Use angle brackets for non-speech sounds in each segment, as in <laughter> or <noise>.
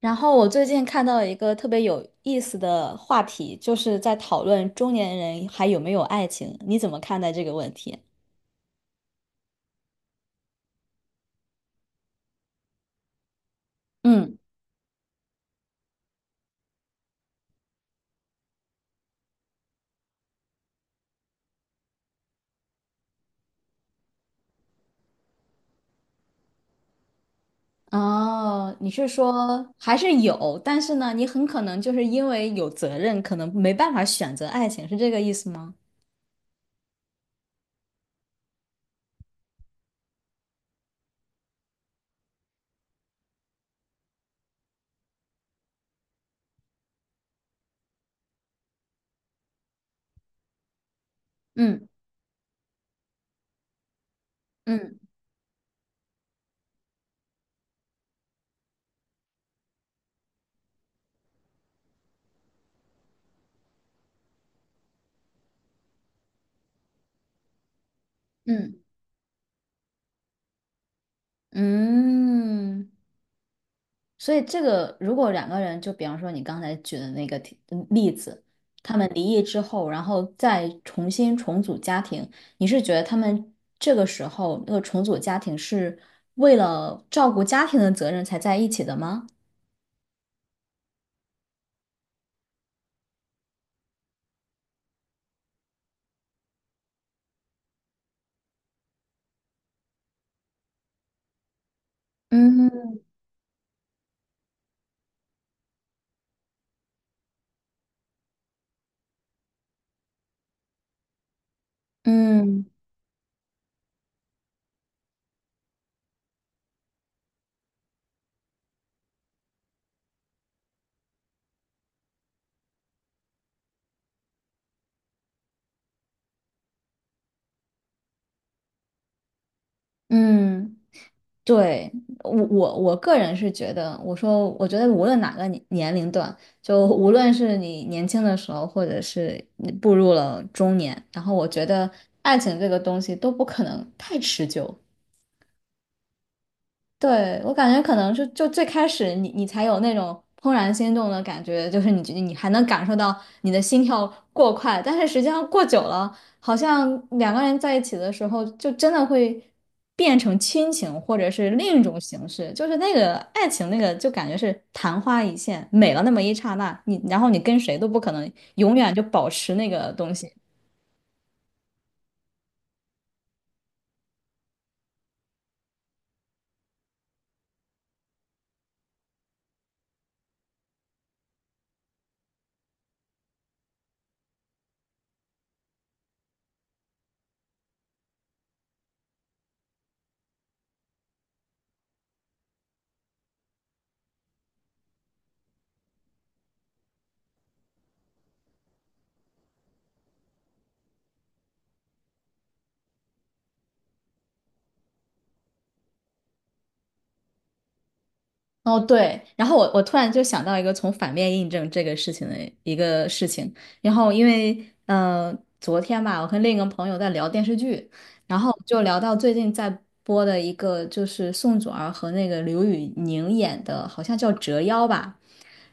然后我最近看到了一个特别有意思的话题，就是在讨论中年人还有没有爱情，你怎么看待这个问题？嗯，哦，你是说还是有，但是呢，你很可能就是因为有责任，可能没办法选择爱情，是这个意思吗？嗯嗯嗯嗯，所以这个如果两个人，就比方说你刚才举的那个 例子，他们离异之后，然后再重新重组家庭，你是觉得他们这个时候那个重组家庭是为了照顾家庭的责任才在一起的吗？嗯嗯。嗯。对，我个人是觉得，我说我觉得无论哪个年龄段，就无论是你年轻的时候，或者是你步入了中年，然后我觉得爱情这个东西都不可能太持久。对，我感觉可能是就最开始你才有那种怦然心动的感觉，就是你还能感受到你的心跳过快，但是实际上过久了，好像两个人在一起的时候，就真的会变成亲情或者是另一种形式，就是那个爱情那个就感觉是昙花一现，美了那么一刹那，然后你跟谁都不可能永远就保持那个东西。哦，对，然后我突然就想到一个从反面印证这个事情的一个事情，然后因为昨天吧，我跟另一个朋友在聊电视剧，然后就聊到最近在播的一个就是宋祖儿和那个刘宇宁演的，好像叫《折腰》吧，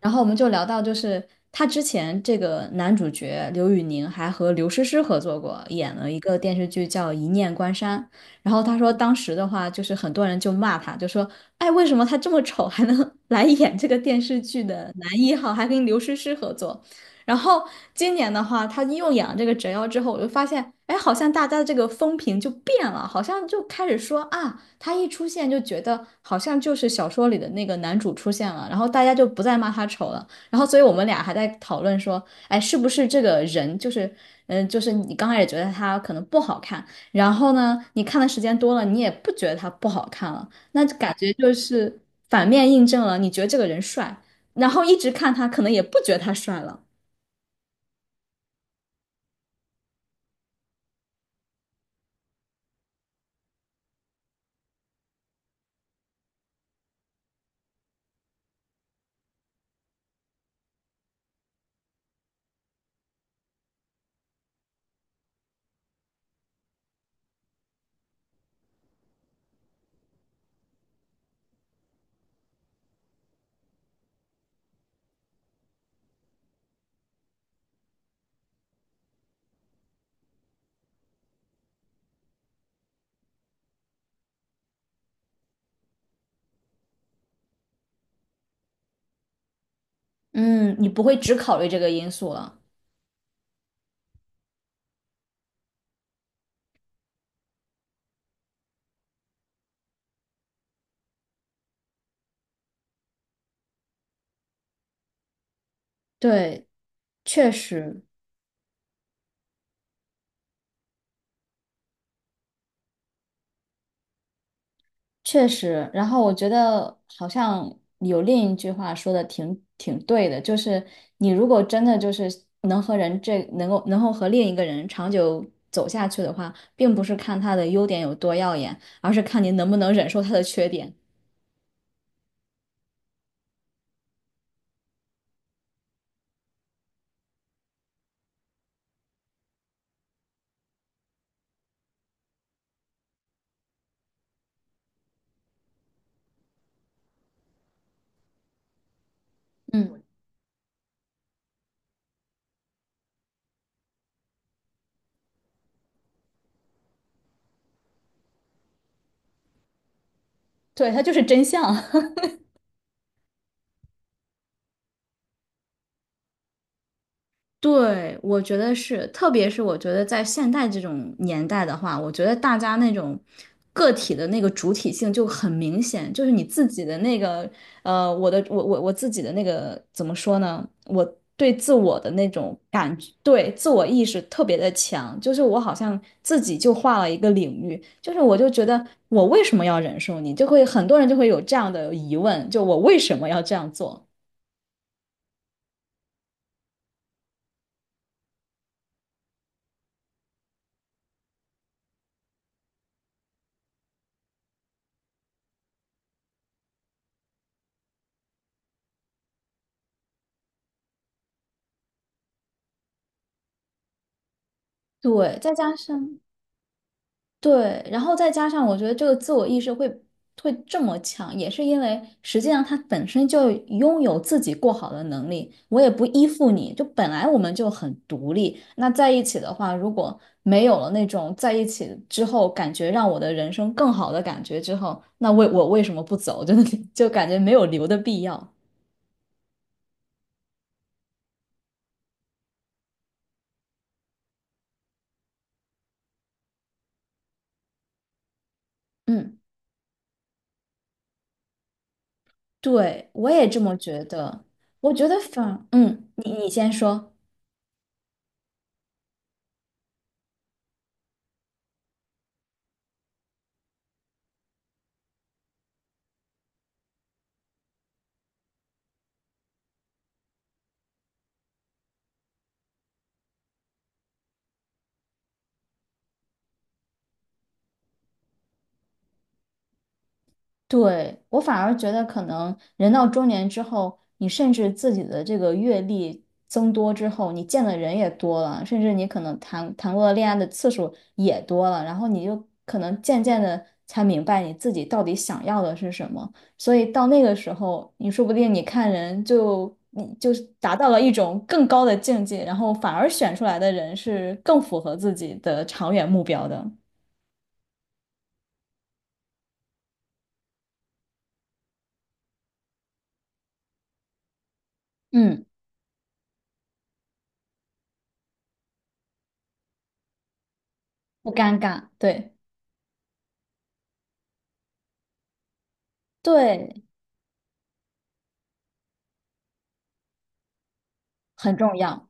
然后我们就聊到，就是他之前这个男主角刘宇宁还和刘诗诗合作过，演了一个电视剧叫《一念关山》。然后他说，当时的话就是很多人就骂他，就说："哎，为什么他这么丑还能 <laughs> 来演这个电视剧的男一号，还跟刘诗诗合作？"然后今年的话，他又演了这个折腰之后，我就发现，哎，好像大家的这个风评就变了，好像就开始说啊。他一出现就觉得好像就是小说里的那个男主出现了，然后大家就不再骂他丑了。然后，所以我们俩还在讨论说，哎，是不是这个人就是，就是你刚开始觉得他可能不好看，然后呢，你看的时间多了，你也不觉得他不好看了，那感觉就是反面印证了你觉得这个人帅，然后一直看他，可能也不觉得他帅了。嗯，你不会只考虑这个因素了。对，确实。确实，然后我觉得好像有另一句话说的挺对的，就是你如果真的就是能够和另一个人长久走下去的话，并不是看他的优点有多耀眼，而是看你能不能忍受他的缺点。嗯，对，他就是真相。对，我觉得是，特别是我觉得在现代这种年代的话，我觉得大家那种个体的那个主体性就很明显，就是你自己的那个，我自己的那个怎么说呢？我对自我的那种感觉，对自我意识特别的强，就是我好像自己就画了一个领域，就是我就觉得我为什么要忍受你，就会很多人就会有这样的疑问，就我为什么要这样做？对，再加上。对，然后再加上我觉得这个自我意识会这么强，也是因为实际上他本身就拥有自己过好的能力，我也不依附你，就本来我们就很独立，那在一起的话，如果没有了那种在一起之后感觉让我的人生更好的感觉之后，那我为什么不走？<laughs> 就感觉没有留的必要。嗯，对，我也这么觉得。我觉得反，嗯，你先说。对，我反而觉得，可能人到中年之后，你甚至自己的这个阅历增多之后，你见的人也多了，甚至你可能谈过的恋爱的次数也多了，然后你就可能渐渐的才明白你自己到底想要的是什么。所以到那个时候，你说不定你就是达到了一种更高的境界，然后反而选出来的人是更符合自己的长远目标的。嗯，不尴尬，对对，很重要。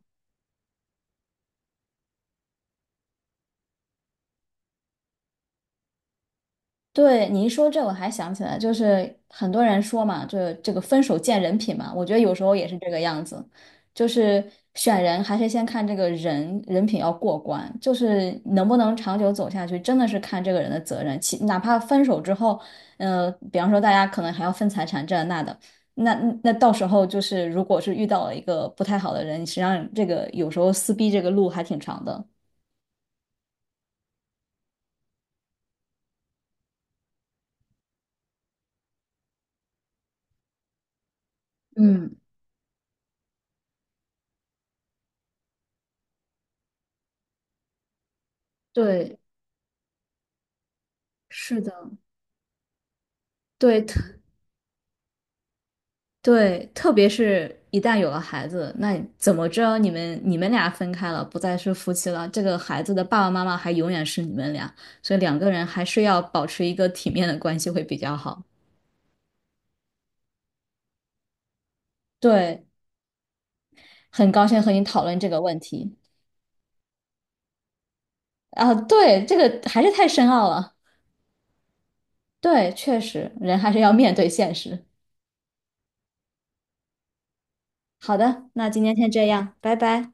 对，你一说这，我还想起来，就是很多人说嘛，这个分手见人品嘛，我觉得有时候也是这个样子，就是选人还是先看这个人人品要过关，就是能不能长久走下去，真的是看这个人的责任。哪怕分手之后，比方说大家可能还要分财产这那的，那那到时候就是如果是遇到了一个不太好的人，实际上这个有时候撕逼这个路还挺长的。嗯，对，是的，对，对，特别是一旦有了孩子，那怎么着你们俩分开了，不再是夫妻了，这个孩子的爸爸妈妈还永远是你们俩，所以两个人还是要保持一个体面的关系会比较好。对，很高兴和你讨论这个问题。啊，对，这个还是太深奥了。对，确实，人还是要面对现实。好的，那今天先这样，拜拜。